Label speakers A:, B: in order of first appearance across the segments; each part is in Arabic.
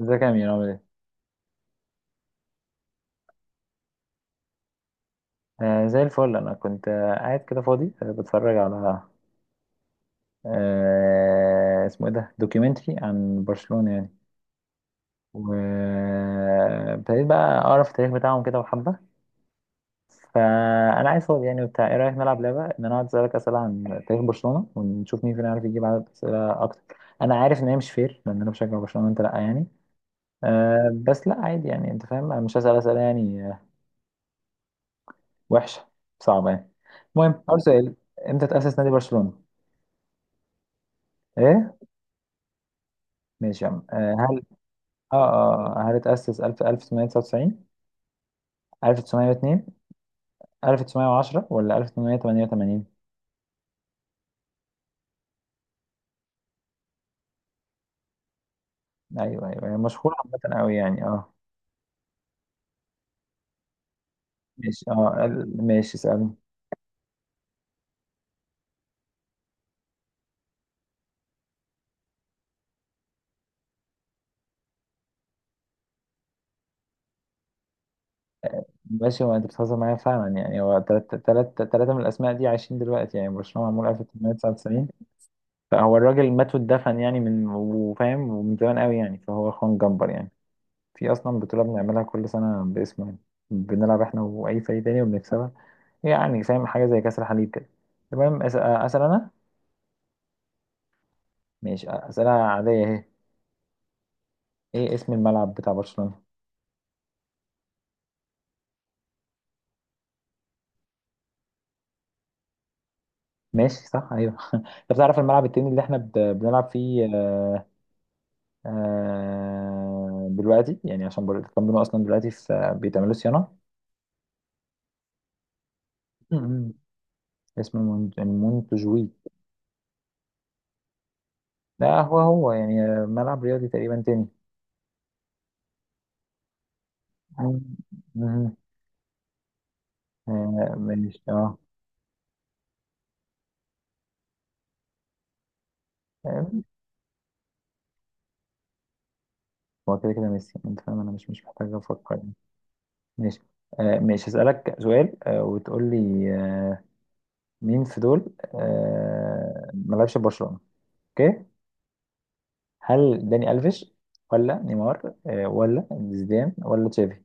A: ازيك يا أمير، عامل ايه؟ زي الفل. أنا كنت قاعد كده فاضي، بتفرج على، اسمه ايه ده؟ دوكيومنتري عن برشلونة يعني. وابتديت بقى أقرأ في التاريخ بتاعهم كده وحبة. فأنا عايز فاضي يعني وبتاع، ايه رأيك نلعب لعبة إن أنا أقعد أسألك أسئلة عن تاريخ برشلونة ونشوف مين فينا عارف يجيب عدد أسئلة أكتر؟ أنا عارف إن هي مش فير لأن أنا بشجع برشلونة وأنت لأ يعني. بس لأ، عادي يعني. أنت فاهم أنا مش هسأل أسئلة يعني وحشة، صعبة يعني. المهم، أول سؤال: امتى تأسس نادي برشلونة؟ ايه؟ ماشي يا عم. هل اه اه هل اتأسس 1000، 1999، 1902، 1910 ولا 1888؟ ايوه ايوه، هي مشهورة عامة قوي يعني اه. ماشي ماشي، اسألني. ماشي، هو انت بتهزر معايا فعلا يعني. هو تلاتة من الاسماء دي عايشين دلوقتي يعني. برشلونة معمول 1899، فهو الراجل مات واتدفن يعني من وفاهم ومن زمان قوي يعني. فهو خوان جمبر يعني. في اصلا بطولة بنعملها كل سنة باسمه يعني. بنلعب احنا واي فريق تاني وبنكسبها، يعني فاهم، حاجة زي كأس الحليب كده. تمام. اسأل انا. ماشي، اسئلة عادية اهي. ايه اسم الملعب بتاع برشلونة؟ ماشي صح، ايوه انت بتعرف الملعب التاني اللي احنا بنلعب فيه دلوقتي يعني، عشان الكامب نو اصلا دلوقتي في بيتعملوا صيانة. مم. اسمه مونتجوي. لا هو هو يعني ملعب رياضي تقريبا تاني. مم. مم. ماشي اه. هو كده كده ميسي، انت فاهم، انا مش محتاج افكر يعني. ماشي ماشي، هسألك سؤال وتقول لي مين في دول ما لعبش في برشلونة. اوكي. هل داني الفيش، ولا نيمار، ولا زيدان، ولا تشافي؟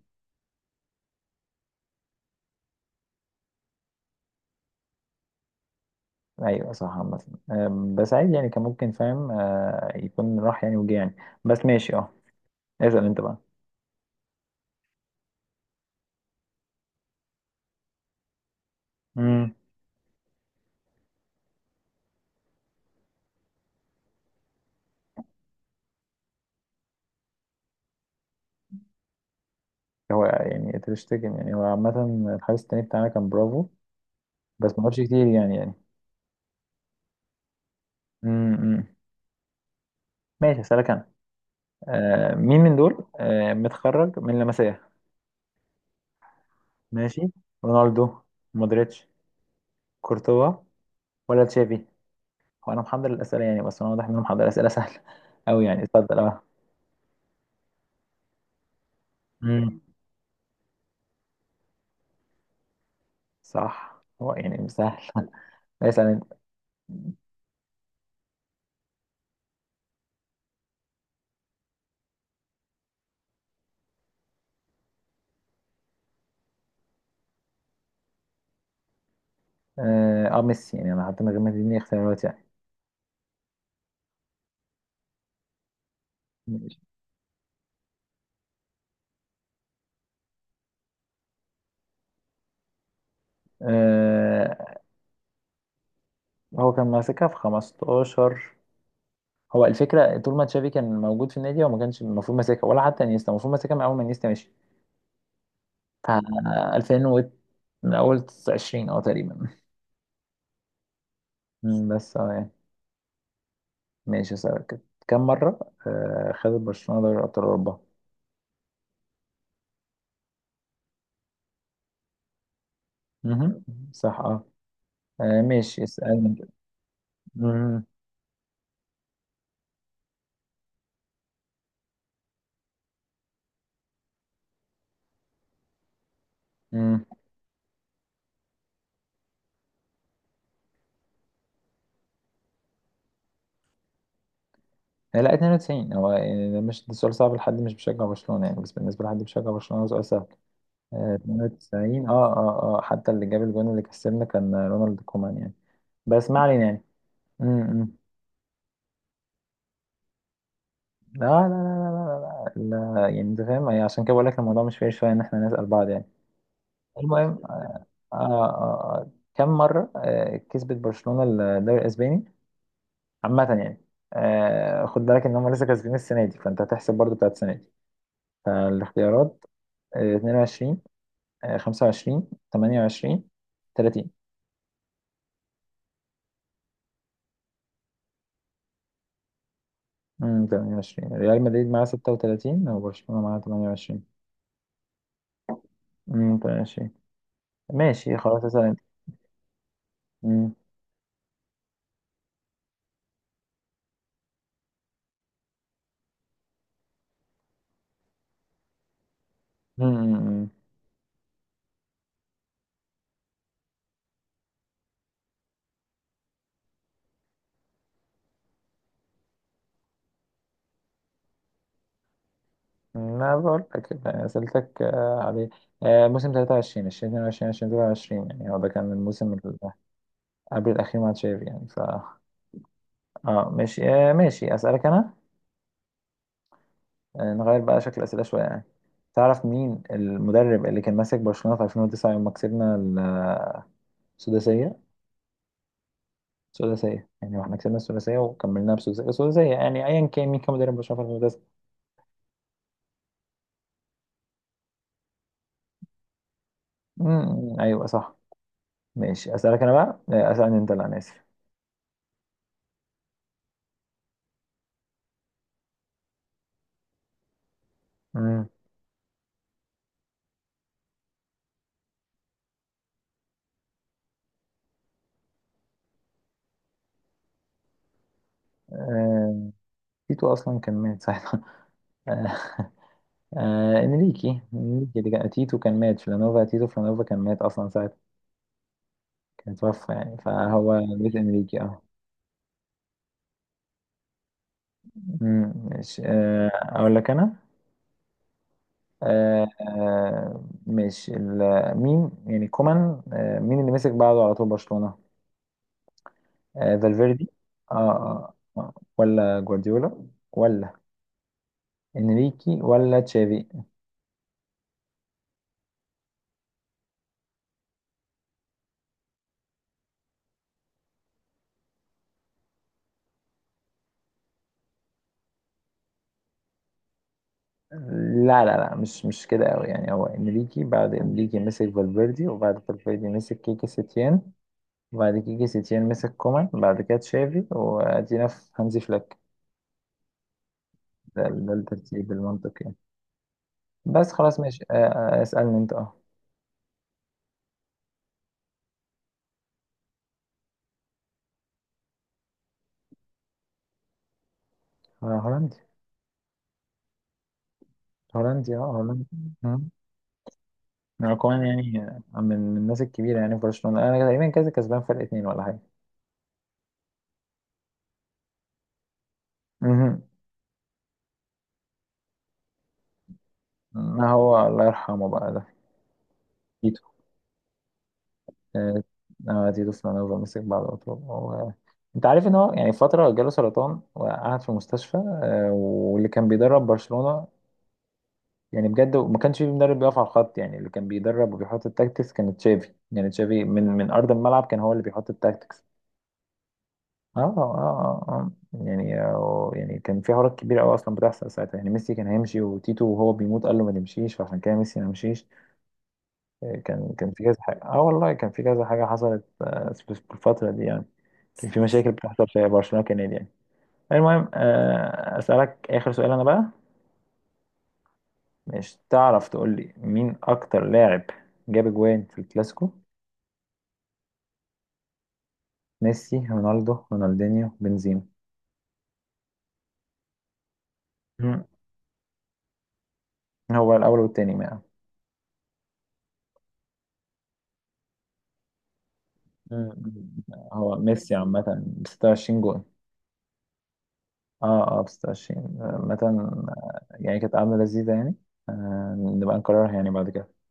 A: ايوه صح عامة. بس عادي يعني، كان ممكن فاهم يكون راح يعني وجه يعني. بس ماشي اه. اسأل انت بقى. امم، هو يعني تشتكي يعني، هو عامة الحارس التاني بتاعنا كان برافو بس ما عملش كتير يعني يعني. امم ماشي، هسألك انا مين من دول متخرج من لمسيه؟ ماشي. رونالدو، مودريتش، كورتوا ولا تشافي؟ هو انا محضر الاسئله يعني، بس انا واضح ان انا محضر اسئله سهله قوي يعني، اتفضل اه. مم. صح، هو يعني سهل اسال انت. اه. ميسي يعني، انا حتى من غير ما تديني اختيارات يعني. ماشي. آه، هو كان ماسكها في 15. هو الفكره طول ما تشافي كان موجود في النادي هو ما كانش المفروض ماسكها، ولا حتى انيستا المفروض ماسكها من اول ما انيستا مشي بتاع 2000 و، من أول 20 تقريبا. مم، بس أه يعني. ماشي، أسألك كده: كم مرة خدت برشلونة دوري أبطال أوروبا؟ مهم. صح أه. ماشي، اسألني كده. مهم. مم. لا 92، هو يعني ده مش ده سؤال صعب لحد مش بيشجع برشلونة يعني، بس بالنسبة لحد بيشجع برشلونة هو سؤال سهل. 92، حتى اللي جاب الجون اللي كسبنا كان رونالد كومان يعني. بس ما علينا يعني. مم، مم. لا لا لا لا لا، لا، لا، يعني انت فاهم يعني. عشان كده بقول لك الموضوع مش فاير شويه ان احنا نسال بعض يعني. المهم آه آه كم مره كسبت برشلونه الدوري الاسباني عامه يعني؟ خد بالك ان هم لسه كاسبين السنه دي فانت هتحسب برضو بتاعت السنه دي. فالاختيارات: آه 22، آه 25، 28، 30. 28، ريال مدريد معاه 36 وبرشلونه معاه 28. 28. ماشي خلاص، اسال انت. امم. أمم، أمم، ما بقول لك يعني، سألتك عليه. موسم 23، 2022 2023 يعني، هو ده كان الموسم اللي قبل الأخير مع تشافي يعني ف. اه ماشي ماشي، أسألك أنا. نغير بقى شكل الأسئلة شوية يعني. تعرف مين المدرب اللي كان ماسك برشلونة في 2009 يوم ما كسبنا السداسية؟ السداسية يعني، واحنا كسبنا السداسية وكملناها بسداسية، السداسية يعني. أيا كان، مين كان مدرب برشلونة في 2009؟ أمم، أيوه صح. ماشي أسألك أنا بقى أسألني أنت، لا أنا آسف. أمم. تيتو اصلا كان مات ساعتها آه، انريكي. اللي كان تيتو كان مات، فلانوفا، تيتو فلانوفا كان مات اصلا ساعتها، كان توفى يعني، فهو مات. انريكي اه. أمم، ماشي، اقول لك انا. ماشي، مين يعني كومان، مين اللي مسك بعده على طول برشلونة؟ فالفيردي، آه آه آه، ولا جوارديولا، ولا انريكي، ولا تشافي؟ لا لا لا، مش كده قوي يعني. هو انريكي، بعد انريكي مسك فالفيردي، وبعد فالفيردي مسك كيكي سيتيان، وبعد كيكي سيتيان مسك كومان، بعد كده تشافي، وادينا في هانزي فليك. ده الترتيب المنطقي يعني. بس خلاص ماشي. اسألني انت اه. هولندي. هولندي اه هولندي. مم. كومان يعني من الناس الكبيرة يعني في برشلونة. انا تقريبا كذا كسبان فرق اتنين ولا حاجة. مهم. ما هو الله يرحمه بقى ده. تيتو. آه، تيتو فلانوفا مسك بعد أطول. انت عارف ان هو يعني فتره جاله سرطان وقعد في المستشفى، واللي كان بيدرب برشلونه يعني بجد ما كانش في مدرب بيقف على الخط يعني. اللي كان بيدرب وبيحط التاكتكس كان تشافي يعني. تشافي من ارض الملعب كان هو اللي بيحط التاكتكس. اه اه اه آه. يعني يعني كان في حوارات كبيره قوي اصلا بتحصل ساعتها يعني. ميسي كان هيمشي، وتيتو وهو بيموت قال له ما تمشيش، فعشان كده ميسي ما مشيش. كان في كذا حاجه اه. والله كان في كذا حاجه حصلت في الفتره دي يعني. كان في مشاكل بتحصل في برشلونه كنادي يعني. المهم أسألك آخر سؤال أنا بقى. مش تعرف تقول لي مين أكتر لاعب جاب أجوان في الكلاسيكو؟ ميسي، رونالدو، رونالدينيو، بنزيما؟ مم. هو الأول والتاني ما. مم. هو ميسي عامة ب 26 جون. اه ب 26 عامة. يعني كانت قعدة لذيذة يعني. نبقى نكررها يعني بعد كده.